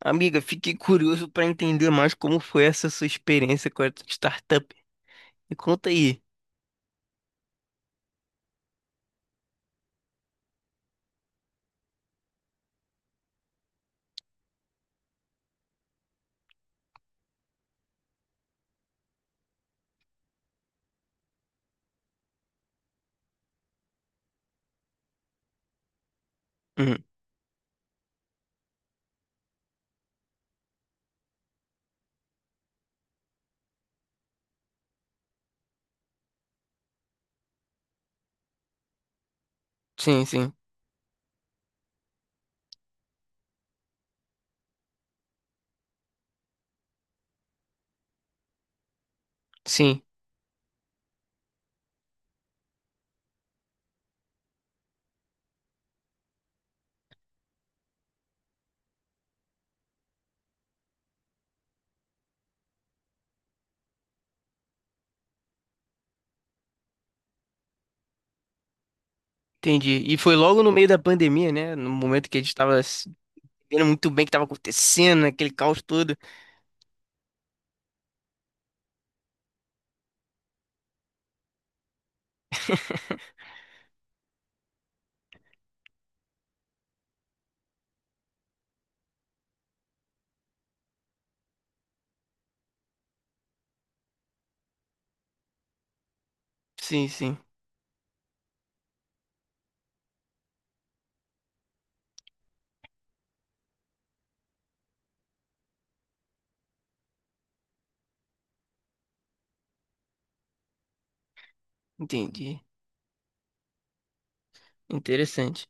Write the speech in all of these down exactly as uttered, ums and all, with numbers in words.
Amiga, fiquei curioso para entender mais como foi essa sua experiência com a startup. Me conta aí. Uhum. Sim, sim, sim. Entendi. E foi logo no meio da pandemia, né? No momento que a gente tava se entendendo muito bem o que tava acontecendo, aquele caos todo. Sim, sim. Entendi. Interessante.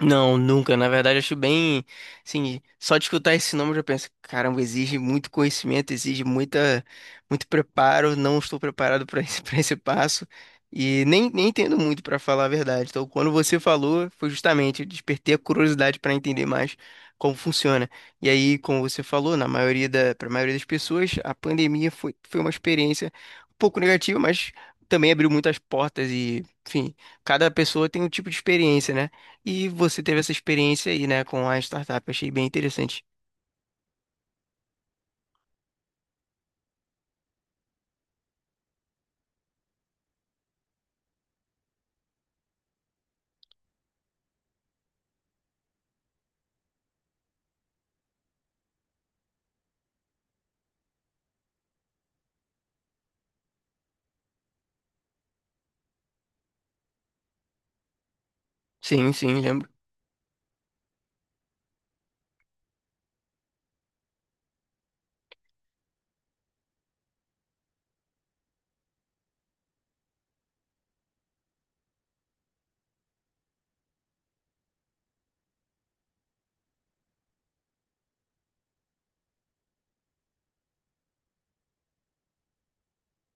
Não, nunca. Na verdade, acho bem, assim, só de escutar esse nome eu já penso, caramba, exige muito conhecimento, exige muita, muito preparo. Não estou preparado para esse, para esse passo e nem, nem entendo muito para falar a verdade. Então, quando você falou, foi justamente eu despertei a curiosidade para entender mais como funciona. E aí, como você falou, na maioria da, para a maioria das pessoas, a pandemia foi, foi uma experiência um pouco negativa, mas também abriu muitas portas e, enfim, cada pessoa tem um tipo de experiência, né? E você teve essa experiência aí, né, com a startup. Eu achei bem interessante. Sim, sim, lembro.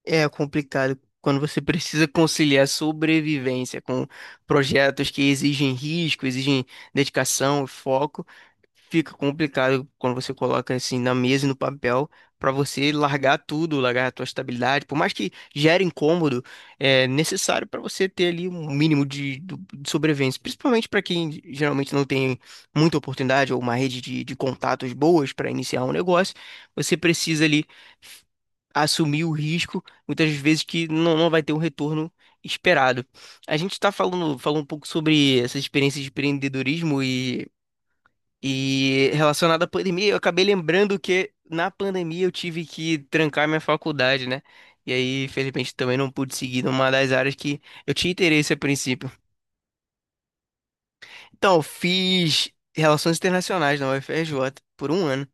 É complicado quando você precisa conciliar sobrevivência com projetos que exigem risco, exigem dedicação, foco. Fica complicado quando você coloca assim na mesa e no papel para você largar tudo, largar a tua estabilidade, por mais que gere incômodo, é necessário para você ter ali um mínimo de, do- de sobrevivência, principalmente para quem geralmente não tem muita oportunidade ou uma rede de, de contatos boas para iniciar um negócio, você precisa ali assumir o risco muitas vezes que não, não vai ter o retorno esperado. A gente está falando, falou um pouco sobre essa experiência de empreendedorismo e, e relacionada à pandemia, eu acabei lembrando que na pandemia eu tive que trancar minha faculdade, né? E aí, infelizmente, também não pude seguir numa das áreas que eu tinha interesse a princípio. Então, eu fiz Relações Internacionais na U F R J por um ano.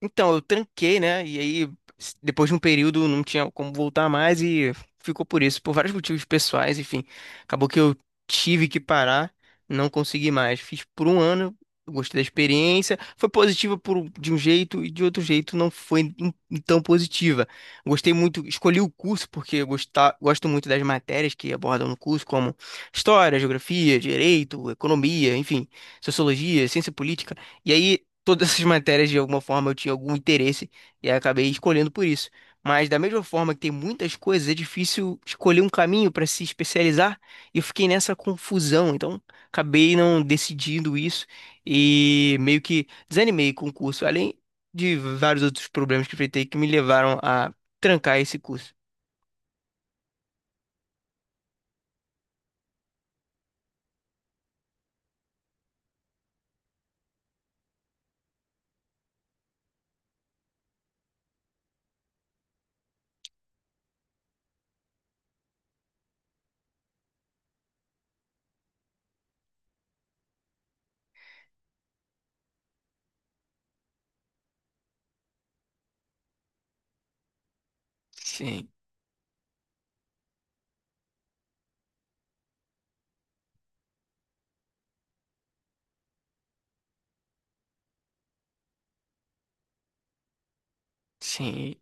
Então, eu tranquei, né? E aí, s- depois de um período, não tinha como voltar mais e ficou por isso, por vários motivos pessoais, enfim. Acabou que eu tive que parar, não consegui mais. Fiz por um ano, eu gostei da experiência. Foi positiva por, um- de um jeito e de outro jeito não foi em- tão positiva. Gostei muito, escolhi o curso porque eu gostar, gosto muito das matérias que abordam no curso, como história, geografia, direito, economia, enfim, sociologia, ciência política. E aí todas essas matérias de alguma forma eu tinha algum interesse e aí acabei escolhendo por isso. Mas da mesma forma que tem muitas coisas, é difícil escolher um caminho para se especializar e eu fiquei nessa confusão, então acabei não decidindo isso e meio que desanimei com o curso, além de vários outros problemas que enfrentei que me levaram a trancar esse curso. Sim, sim,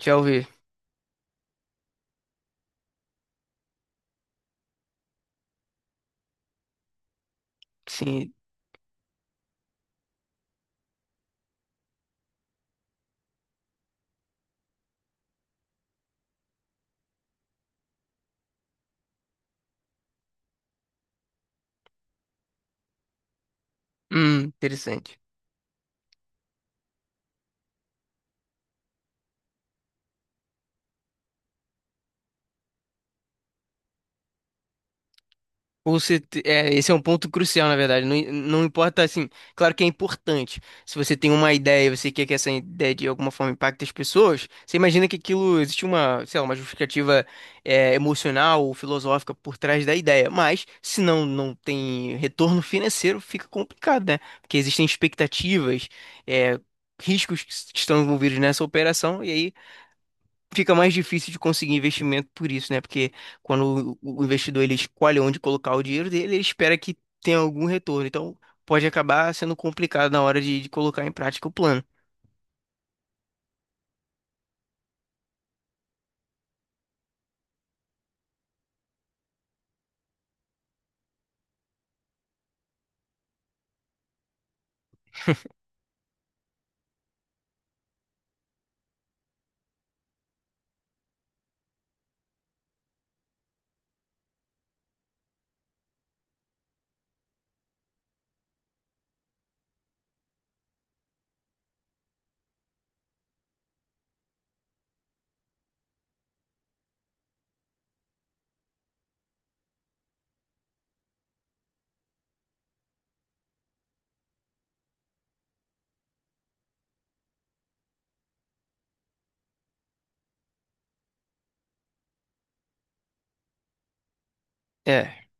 já ouvi. Sim, hum, interessante. Ou você, te- é, esse é um ponto crucial, na verdade. Não, não importa, assim, claro que é importante. Se você tem uma ideia, você quer que essa ideia de alguma forma impacte as pessoas, você imagina que aquilo existe uma, sei lá, uma justificativa, é, emocional ou filosófica por trás da ideia. Mas, se não, não tem retorno financeiro, fica complicado, né? Porque existem expectativas, é, riscos que s- que estão envolvidos nessa operação, e aí fica mais difícil de conseguir investimento por isso, né? Porque quando o o investidor ele escolhe onde colocar o dinheiro dele, ele espera que tenha algum retorno. Então, pode acabar sendo complicado na hora de, de colocar em prática o plano. É.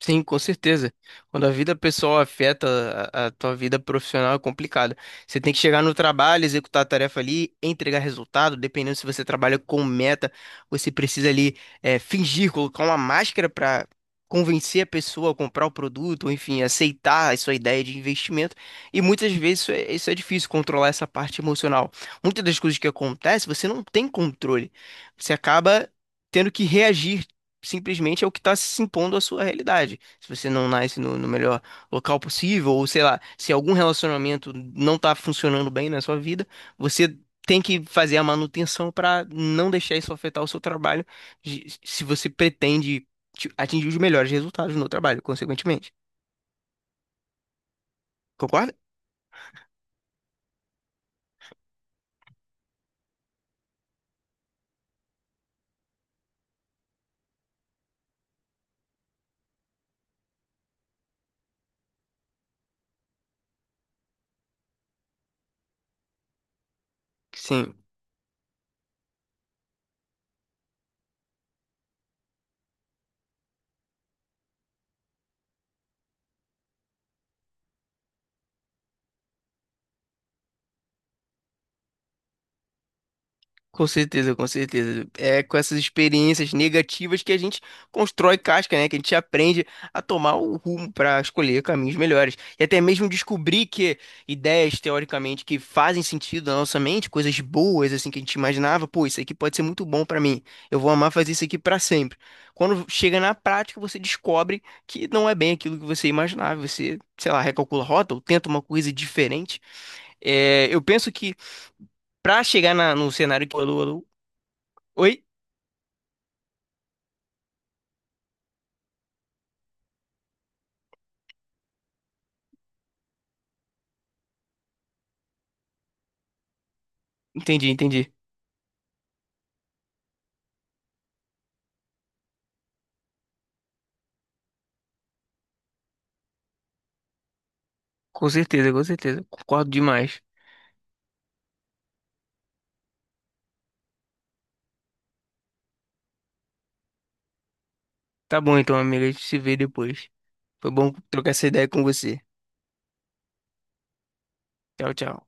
Sim, com certeza. Quando a vida pessoal afeta a, a tua vida profissional é complicado. Você tem que chegar no trabalho, executar a tarefa ali, entregar resultado, dependendo se você trabalha com meta, você precisa ali é, fingir, colocar uma máscara para convencer a pessoa a comprar o produto, ou enfim, aceitar a sua ideia de investimento. E muitas vezes isso é, isso é difícil, controlar essa parte emocional. Muitas das coisas que acontecem, você não tem controle. Você acaba tendo que reagir simplesmente é o que está se impondo à sua realidade. Se você não nasce no, no melhor local possível, ou sei lá, se algum relacionamento não está funcionando bem na sua vida, você tem que fazer a manutenção para não deixar isso afetar o seu trabalho, de- se você pretende ti- atingir os melhores resultados no trabalho, consequentemente. Concorda? Sim. Com certeza, com certeza. É com essas experiências negativas que a gente constrói casca, né? Que a gente aprende a tomar o rumo para escolher caminhos melhores. E até mesmo descobrir que ideias, teoricamente, que fazem sentido na nossa mente, coisas boas, assim, que a gente imaginava, pô, isso aqui pode ser muito bom para mim. Eu vou amar fazer isso aqui para sempre. Quando chega na prática, você descobre que não é bem aquilo que você imaginava. Você, sei lá, recalcula a rota ou tenta uma coisa diferente. É, eu penso que. Pra chegar na- no cenário que. Alô, alô. Oi? Entendi, entendi. Com certeza, com certeza. Concordo demais. Tá bom então, amiga. A gente se vê depois. Foi bom trocar essa ideia com você. Tchau, tchau.